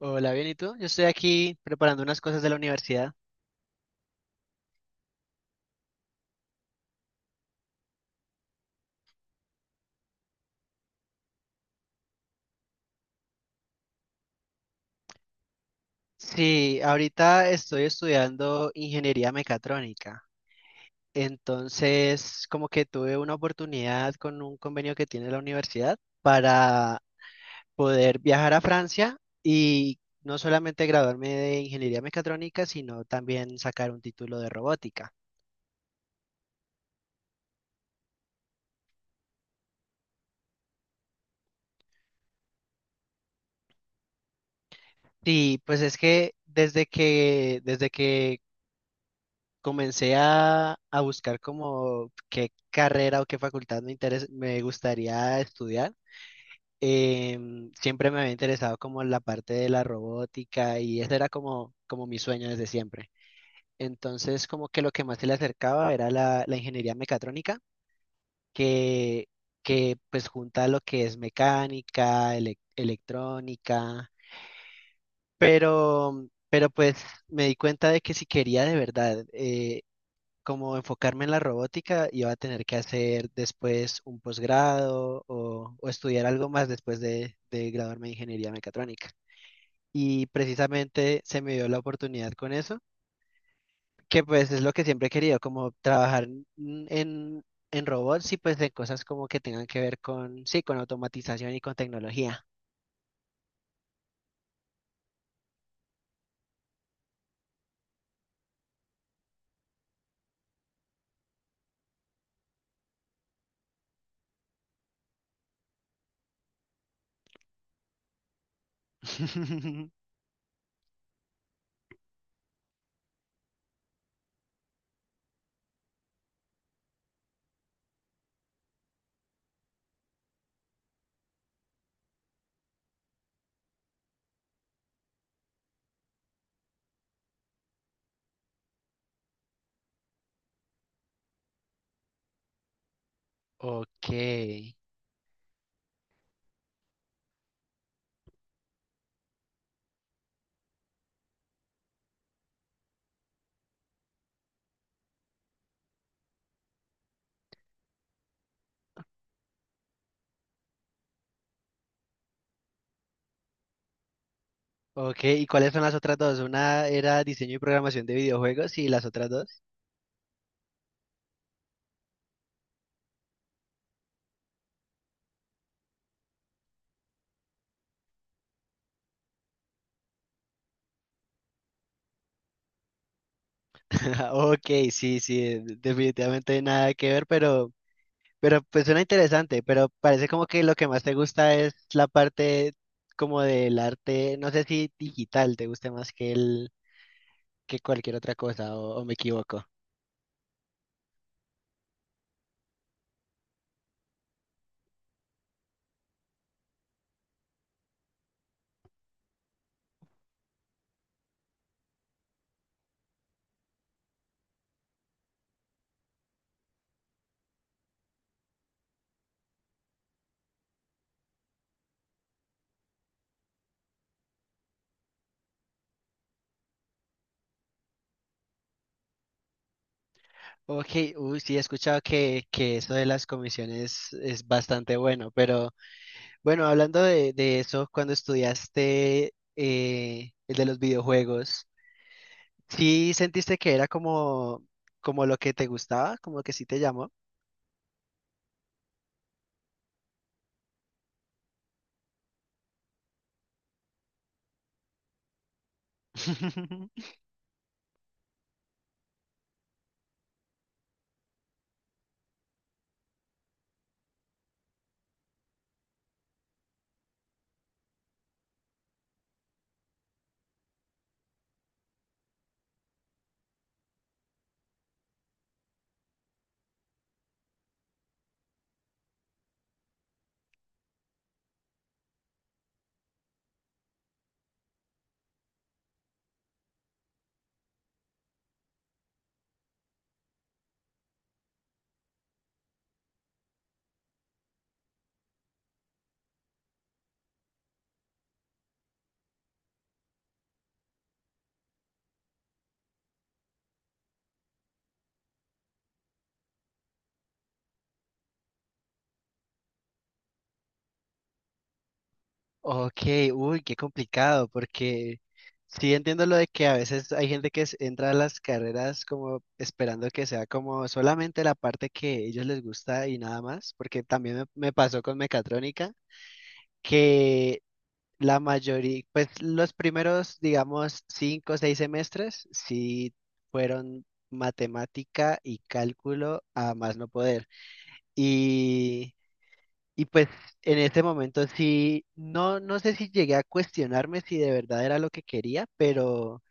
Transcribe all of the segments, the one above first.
Hola, bien, ¿y tú? Yo estoy aquí preparando unas cosas de la universidad. Sí, ahorita estoy estudiando ingeniería mecatrónica. Entonces, como que tuve una oportunidad con un convenio que tiene la universidad para poder viajar a Francia y no solamente graduarme de ingeniería mecatrónica, sino también sacar un título de robótica. Sí, pues es que desde que comencé a buscar como qué carrera o qué facultad me gustaría estudiar. Siempre me había interesado como la parte de la robótica y ese era como mi sueño desde siempre. Entonces como que lo que más se le acercaba era la ingeniería mecatrónica, que, que pues junta lo que es mecánica, electrónica, pero pues me di cuenta de que si quería de verdad como enfocarme en la robótica, iba a tener que hacer después un posgrado o estudiar algo más después de graduarme de ingeniería mecatrónica. Y precisamente se me dio la oportunidad con eso, que pues es lo que siempre he querido, como trabajar en en robots y pues en cosas como que tengan que ver con, sí, con automatización y con tecnología. Ok, ok. ¿Y cuáles son las otras dos? Una era diseño y programación de videojuegos y las otras dos. Ok, sí, sí, definitivamente hay nada que ver, pero, pues suena interesante, pero parece como que lo que más te gusta es la parte como del arte, no sé si digital te guste más que que cualquier otra cosa, o me equivoco. Ok, uy, sí, he escuchado que eso de las comisiones es bastante bueno, pero bueno, hablando de eso, cuando estudiaste el de los videojuegos, ¿sí sentiste que era como, como lo que te gustaba? ¿Como que sí te llamó? Ok, uy, qué complicado, porque sí entiendo lo de que a veces hay gente que entra a las carreras como esperando que sea como solamente la parte que a ellos les gusta y nada más, porque también me pasó con mecatrónica, que la mayoría, pues los primeros, digamos, cinco o seis semestres sí fueron matemática y cálculo a más no poder. Y, y pues en ese momento sí, no, no sé si llegué a cuestionarme si de verdad era lo que quería, pero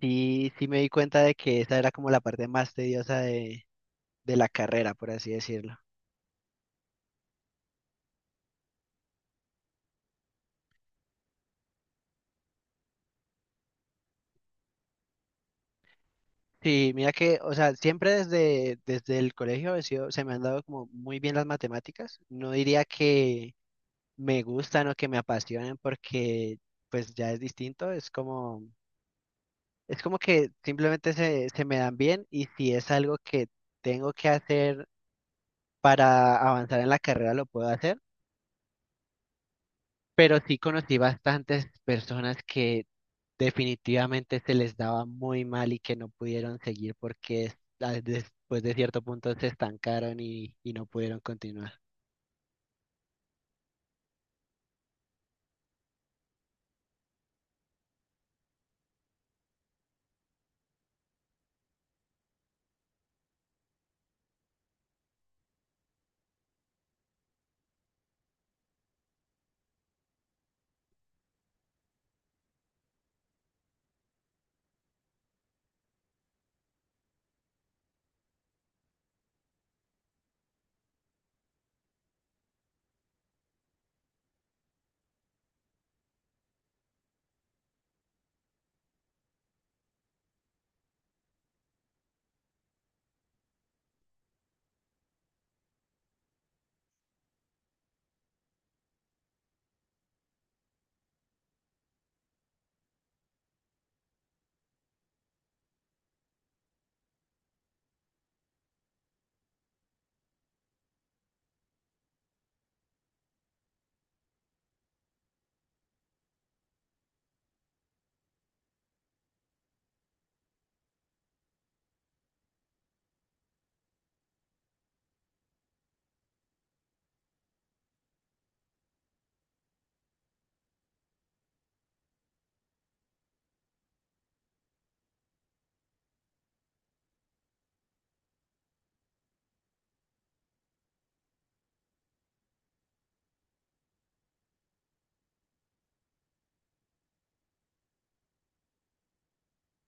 sí, sí me di cuenta de que esa era como la parte más tediosa de la carrera, por así decirlo. Sí, mira que, o sea, desde el colegio se me han dado como muy bien las matemáticas. No diría que me gustan o que me apasionen porque pues ya es distinto, es como. Es como que simplemente se me dan bien y si es algo que tengo que hacer para avanzar en la carrera, lo puedo hacer. Pero sí conocí bastantes personas que definitivamente se les daba muy mal y que no pudieron seguir porque después de cierto punto se estancaron y no pudieron continuar.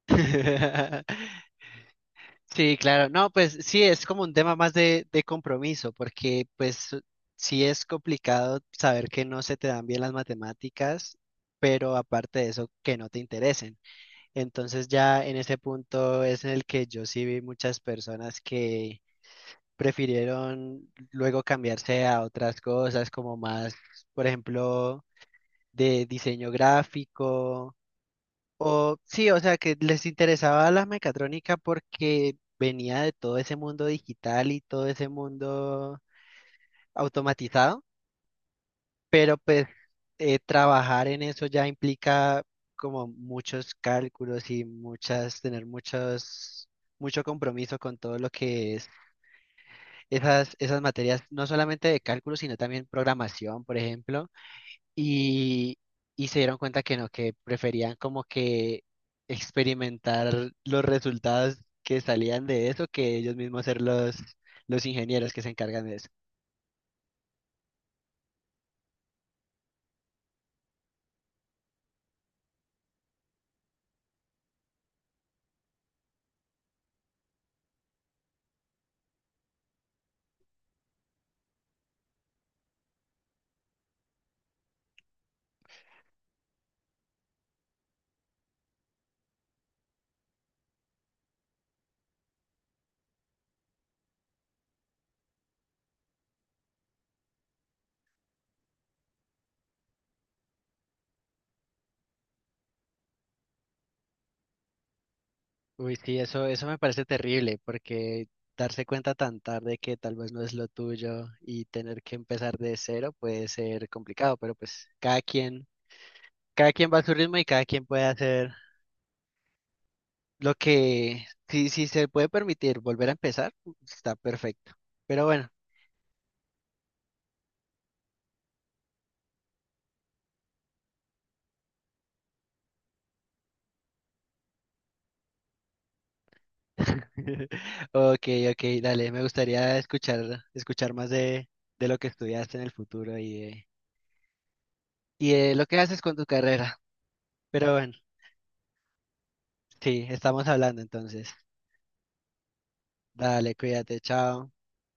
Sí, claro. No, pues sí, es como un tema más de compromiso, porque pues sí es complicado saber que no se te dan bien las matemáticas, pero aparte de eso, que no te interesen. Entonces ya en ese punto es en el que yo sí vi muchas personas que prefirieron luego cambiarse a otras cosas, como más, por ejemplo, de diseño gráfico o sí, o sea, que les interesaba la mecatrónica porque venía de todo ese mundo digital y todo ese mundo automatizado. Pues trabajar en eso ya implica como muchos cálculos y muchas, tener muchos, mucho compromiso con todo lo que es esas materias, no solamente de cálculo, sino también programación, por ejemplo. Y, y se dieron cuenta que no, que preferían como que experimentar los resultados que salían de eso que ellos mismos ser los ingenieros que se encargan de eso. Uy, sí, eso me parece terrible porque darse cuenta tan tarde que tal vez no es lo tuyo y tener que empezar de cero puede ser complicado, pero pues cada quien va a su ritmo y cada quien puede hacer lo que, si se puede permitir volver a empezar, está perfecto. Pero bueno. Ok, ok, dale, me gustaría escuchar, escuchar más de lo que estudiaste en el futuro y de lo que haces con tu carrera. Pero bueno, sí, estamos hablando entonces. Dale, cuídate, chao.